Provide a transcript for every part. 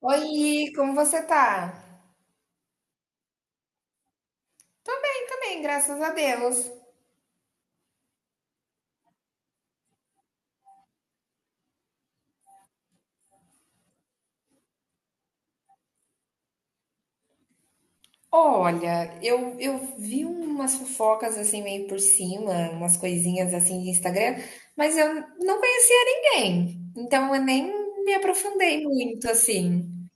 Oi, como você tá? Tô bem também, graças a Deus. Olha, eu vi umas fofocas assim meio por cima, umas coisinhas assim de Instagram, mas eu não conhecia ninguém, então eu nem me aprofundei muito assim.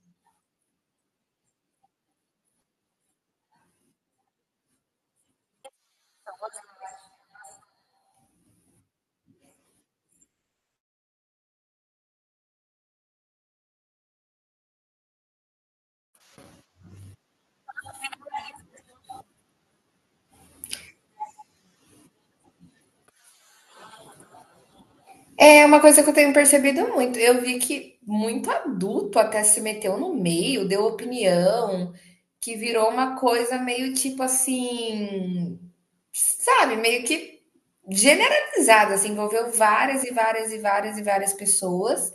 É uma coisa que eu tenho percebido muito. Eu vi que muito adulto até se meteu no meio, deu opinião, que virou uma coisa meio tipo assim, sabe, meio que generalizado, assim, envolveu várias e várias e várias e várias pessoas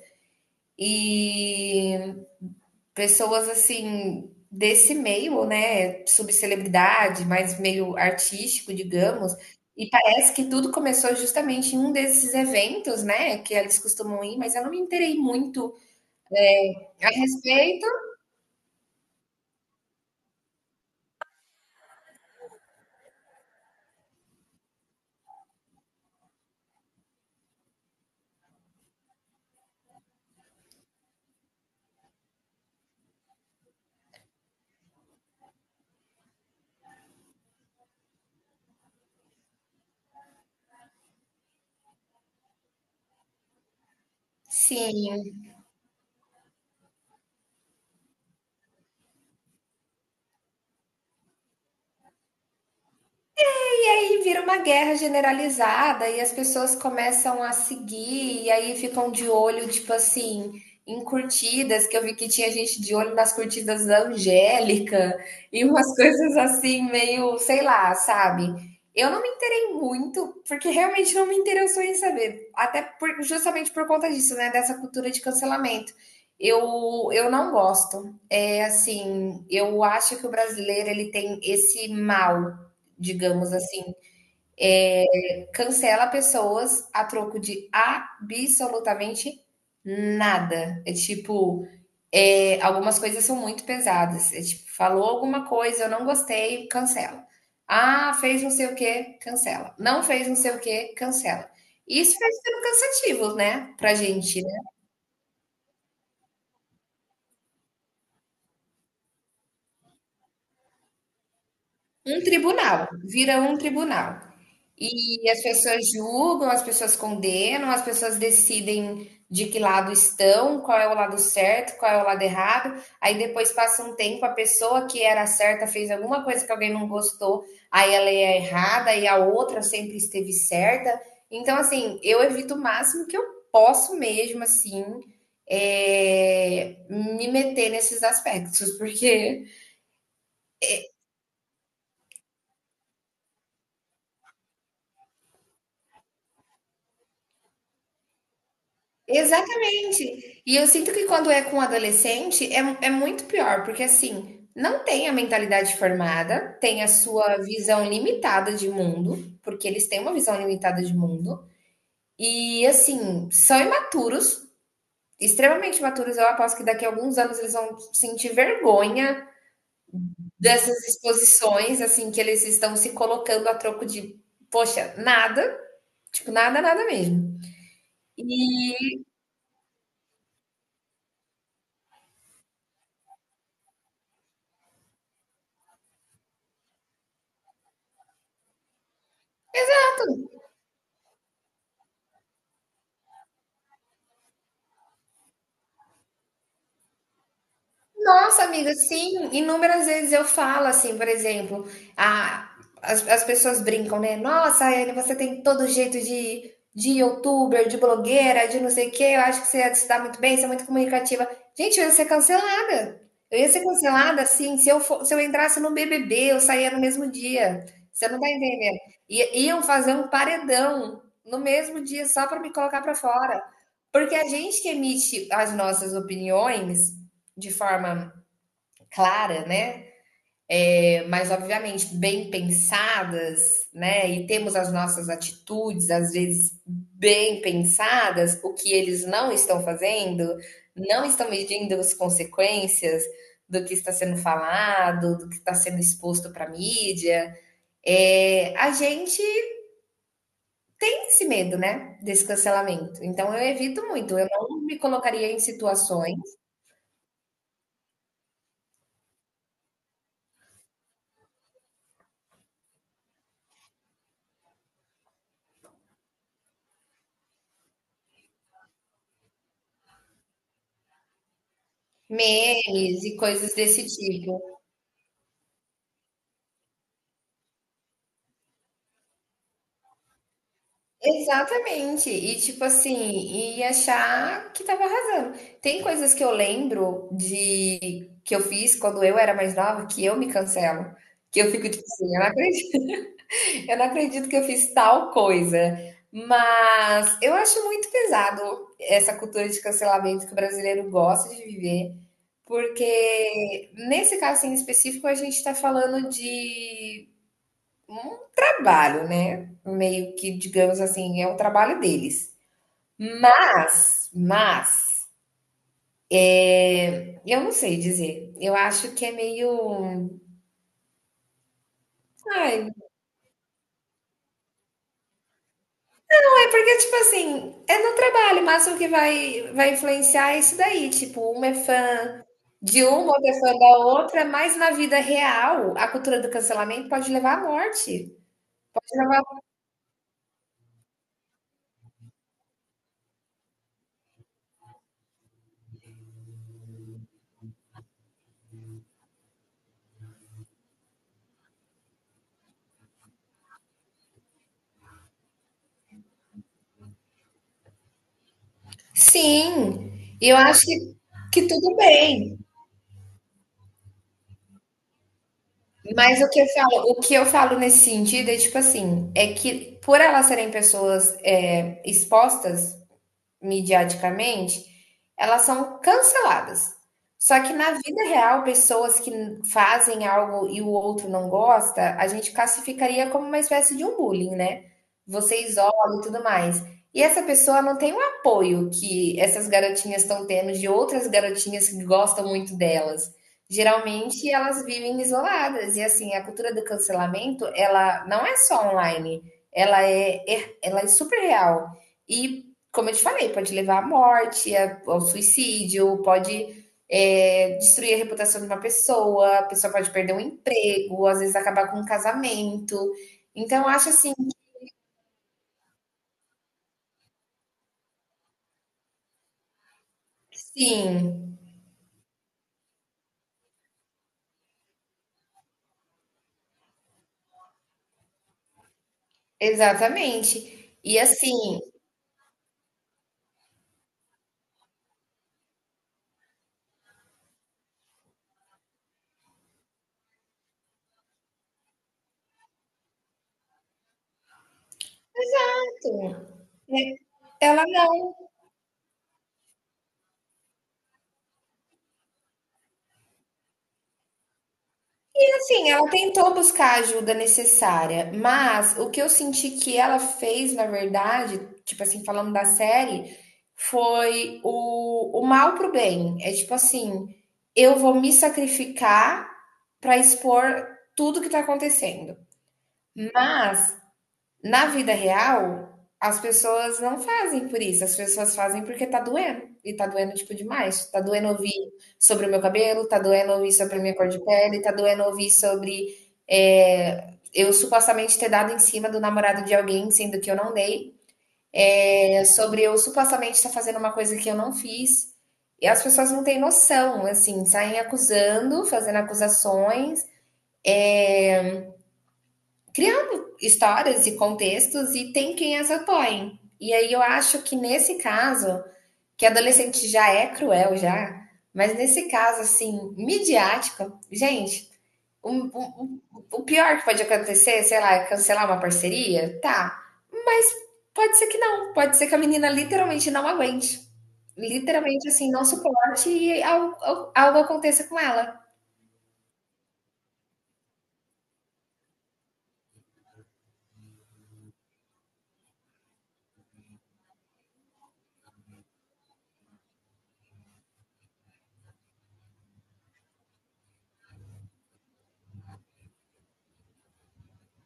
e pessoas assim desse meio, né, subcelebridade, mas meio artístico, digamos. E parece que tudo começou justamente em um desses eventos, né, que eles costumam ir, mas eu não me interei muito a respeito. Sim. E aí vira uma guerra generalizada e as pessoas começam a seguir e aí ficam de olho, tipo assim, em curtidas, que eu vi que tinha gente de olho nas curtidas da Angélica e umas coisas assim, meio, sei lá, sabe? Eu não me interei muito, porque realmente não me interessou em saber. Até por- justamente por conta disso, né? Dessa cultura de cancelamento. Eu não gosto. É assim, eu acho que o brasileiro ele tem esse mal, digamos assim, cancela pessoas a troco de absolutamente nada. É tipo, algumas coisas são muito pesadas. É tipo, falou alguma coisa, eu não gostei, cancela. Ah, fez não sei o que, cancela. Não fez não sei o que, cancela. Isso vai sendo cansativo, né, pra gente. Um tribunal, vira um tribunal. E as pessoas julgam, as pessoas condenam, as pessoas decidem de que lado estão, qual é o lado certo, qual é o lado errado. Aí depois passa um tempo, a pessoa que era certa fez alguma coisa que alguém não gostou, aí ela é errada e a outra sempre esteve certa. Então, assim, eu evito o máximo que eu posso mesmo, assim, me meter nesses aspectos, porque... Exatamente. E eu sinto que quando é com adolescente é muito pior, porque assim, não tem a mentalidade formada, tem a sua visão limitada de mundo, porque eles têm uma visão limitada de mundo, e assim, são imaturos, extremamente imaturos. Eu aposto que daqui a alguns anos eles vão sentir vergonha dessas exposições, assim, que eles estão se colocando a troco de, poxa, nada, tipo, nada, nada mesmo. E nossa, amiga, sim, inúmeras vezes eu falo assim, por exemplo, a, as, as pessoas brincam, né? Nossa, Ayane, você tem todo jeito de youtuber, de blogueira, de não sei o quê, eu acho que você ia se dar muito bem, você é muito comunicativa. Gente, eu ia ser cancelada. Eu ia ser cancelada, assim, se eu entrasse no BBB, eu saía no mesmo dia. Você não tá entendendo? Iam fazer um paredão no mesmo dia só para me colocar para fora. Porque a gente que emite as nossas opiniões de forma clara, né? É, mas obviamente bem pensadas, né? E temos as nossas atitudes às vezes bem pensadas, o que eles não estão fazendo, não estão medindo as consequências do que está sendo falado, do que está sendo exposto para a mídia. É, a gente tem esse medo, né, desse cancelamento. Então eu evito muito, eu não me colocaria em situações, memes e coisas desse tipo. Exatamente. E tipo assim, e achar que tava arrasando. Tem coisas que eu lembro de que eu fiz quando eu era mais nova que eu me cancelo. Que eu fico tipo assim, eu não acredito, eu não acredito que eu fiz tal coisa. Mas eu acho muito pesado essa cultura de cancelamento que o brasileiro gosta de viver, porque nesse caso em específico a gente está falando de um trabalho, né? Meio que, digamos assim, é o trabalho deles. Mas, eu não sei dizer. Eu acho que é meio... Ai, ai, porque, tipo assim, é no trabalho, mas o que vai influenciar é isso daí. Tipo, uma é fã de uma, outra é fã da outra, mas na vida real, a cultura do cancelamento pode levar à morte. Pode levar. Sim, eu acho que tudo bem. Mas o que eu falo, o que eu falo nesse sentido é tipo assim, é que por elas serem pessoas expostas midiaticamente, elas são canceladas. Só que na vida real, pessoas que fazem algo e o outro não gosta, a gente classificaria como uma espécie de um bullying, né? Você isola e tudo mais. E essa pessoa não tem o apoio que essas garotinhas estão tendo de outras garotinhas que gostam muito delas. Geralmente elas vivem isoladas e assim, a cultura do cancelamento, ela não é só online, ela é super real. E como eu te falei, pode levar à morte, ao suicídio, pode destruir a reputação de uma pessoa, a pessoa pode perder um emprego, às vezes acabar com um casamento. Então, eu acho assim, que sim, exatamente. E assim, né, ela não... Assim, ela tentou buscar a ajuda necessária, mas o que eu senti que ela fez, na verdade, tipo assim, falando da série, foi o mal pro bem. É tipo assim, eu vou me sacrificar para expor tudo que tá acontecendo. Mas na vida real, as pessoas não fazem por isso, as pessoas fazem porque tá doendo, e tá doendo, tipo, demais. Tá doendo ouvir sobre o meu cabelo, tá doendo ouvir sobre a minha cor de pele, tá doendo ouvir sobre, eu supostamente ter dado em cima do namorado de alguém, sendo que eu não dei, sobre eu supostamente estar fazendo uma coisa que eu não fiz, e as pessoas não têm noção, assim, saem acusando, fazendo acusações, eh, criando histórias e contextos e tem quem as apoie. E aí eu acho que nesse caso, que adolescente já é cruel já, mas nesse caso assim, midiático, gente, um, um, um, o pior que pode acontecer, sei lá, é cancelar uma parceria, tá? Mas pode ser que não, pode ser que a menina literalmente não aguente. Literalmente assim, não suporte e algo aconteça com ela.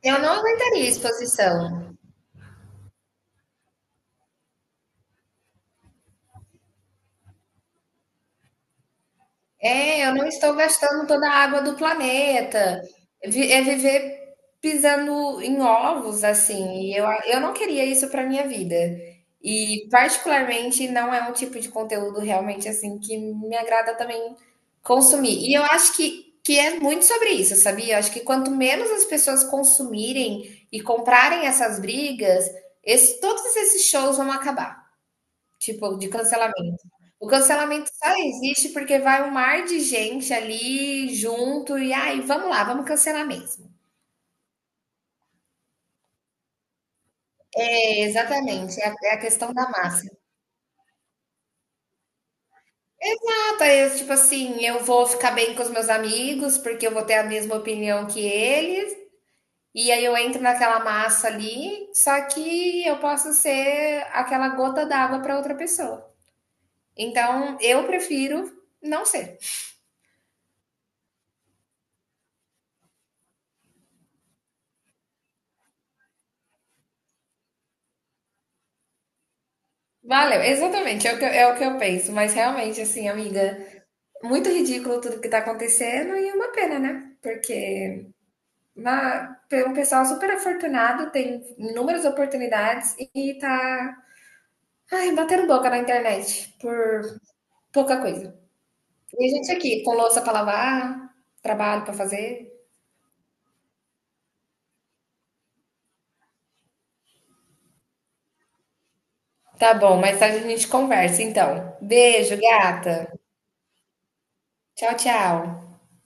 Eu não aguentaria a exposição. É, eu não estou gastando toda a água do planeta. É viver pisando em ovos, assim. E eu não queria isso para minha vida. E, particularmente, não é um tipo de conteúdo realmente assim que me agrada também consumir. E eu acho que é muito sobre isso, sabia? Eu acho que quanto menos as pessoas consumirem e comprarem essas brigas, todos esses shows vão acabar. Tipo, de cancelamento. O cancelamento só existe porque vai um mar de gente ali junto e aí, vamos lá, vamos cancelar mesmo. É, exatamente, é é a questão da massa. Ah, Thaís, tipo assim, eu vou ficar bem com os meus amigos porque eu vou ter a mesma opinião que eles. E aí eu entro naquela massa ali, só que eu posso ser aquela gota d'água para outra pessoa. Então, eu prefiro não ser. Valeu, exatamente, é o que, é o que eu penso. Mas realmente, assim, amiga, muito ridículo tudo que tá acontecendo e uma pena, né? Porque uma, um pessoal super afortunado tem inúmeras oportunidades e tá, ai, batendo boca na internet por pouca coisa. E a gente aqui, com louça pra lavar, trabalho pra fazer. Tá bom, mais tarde a gente conversa, então. Beijo, gata. Tchau, tchau.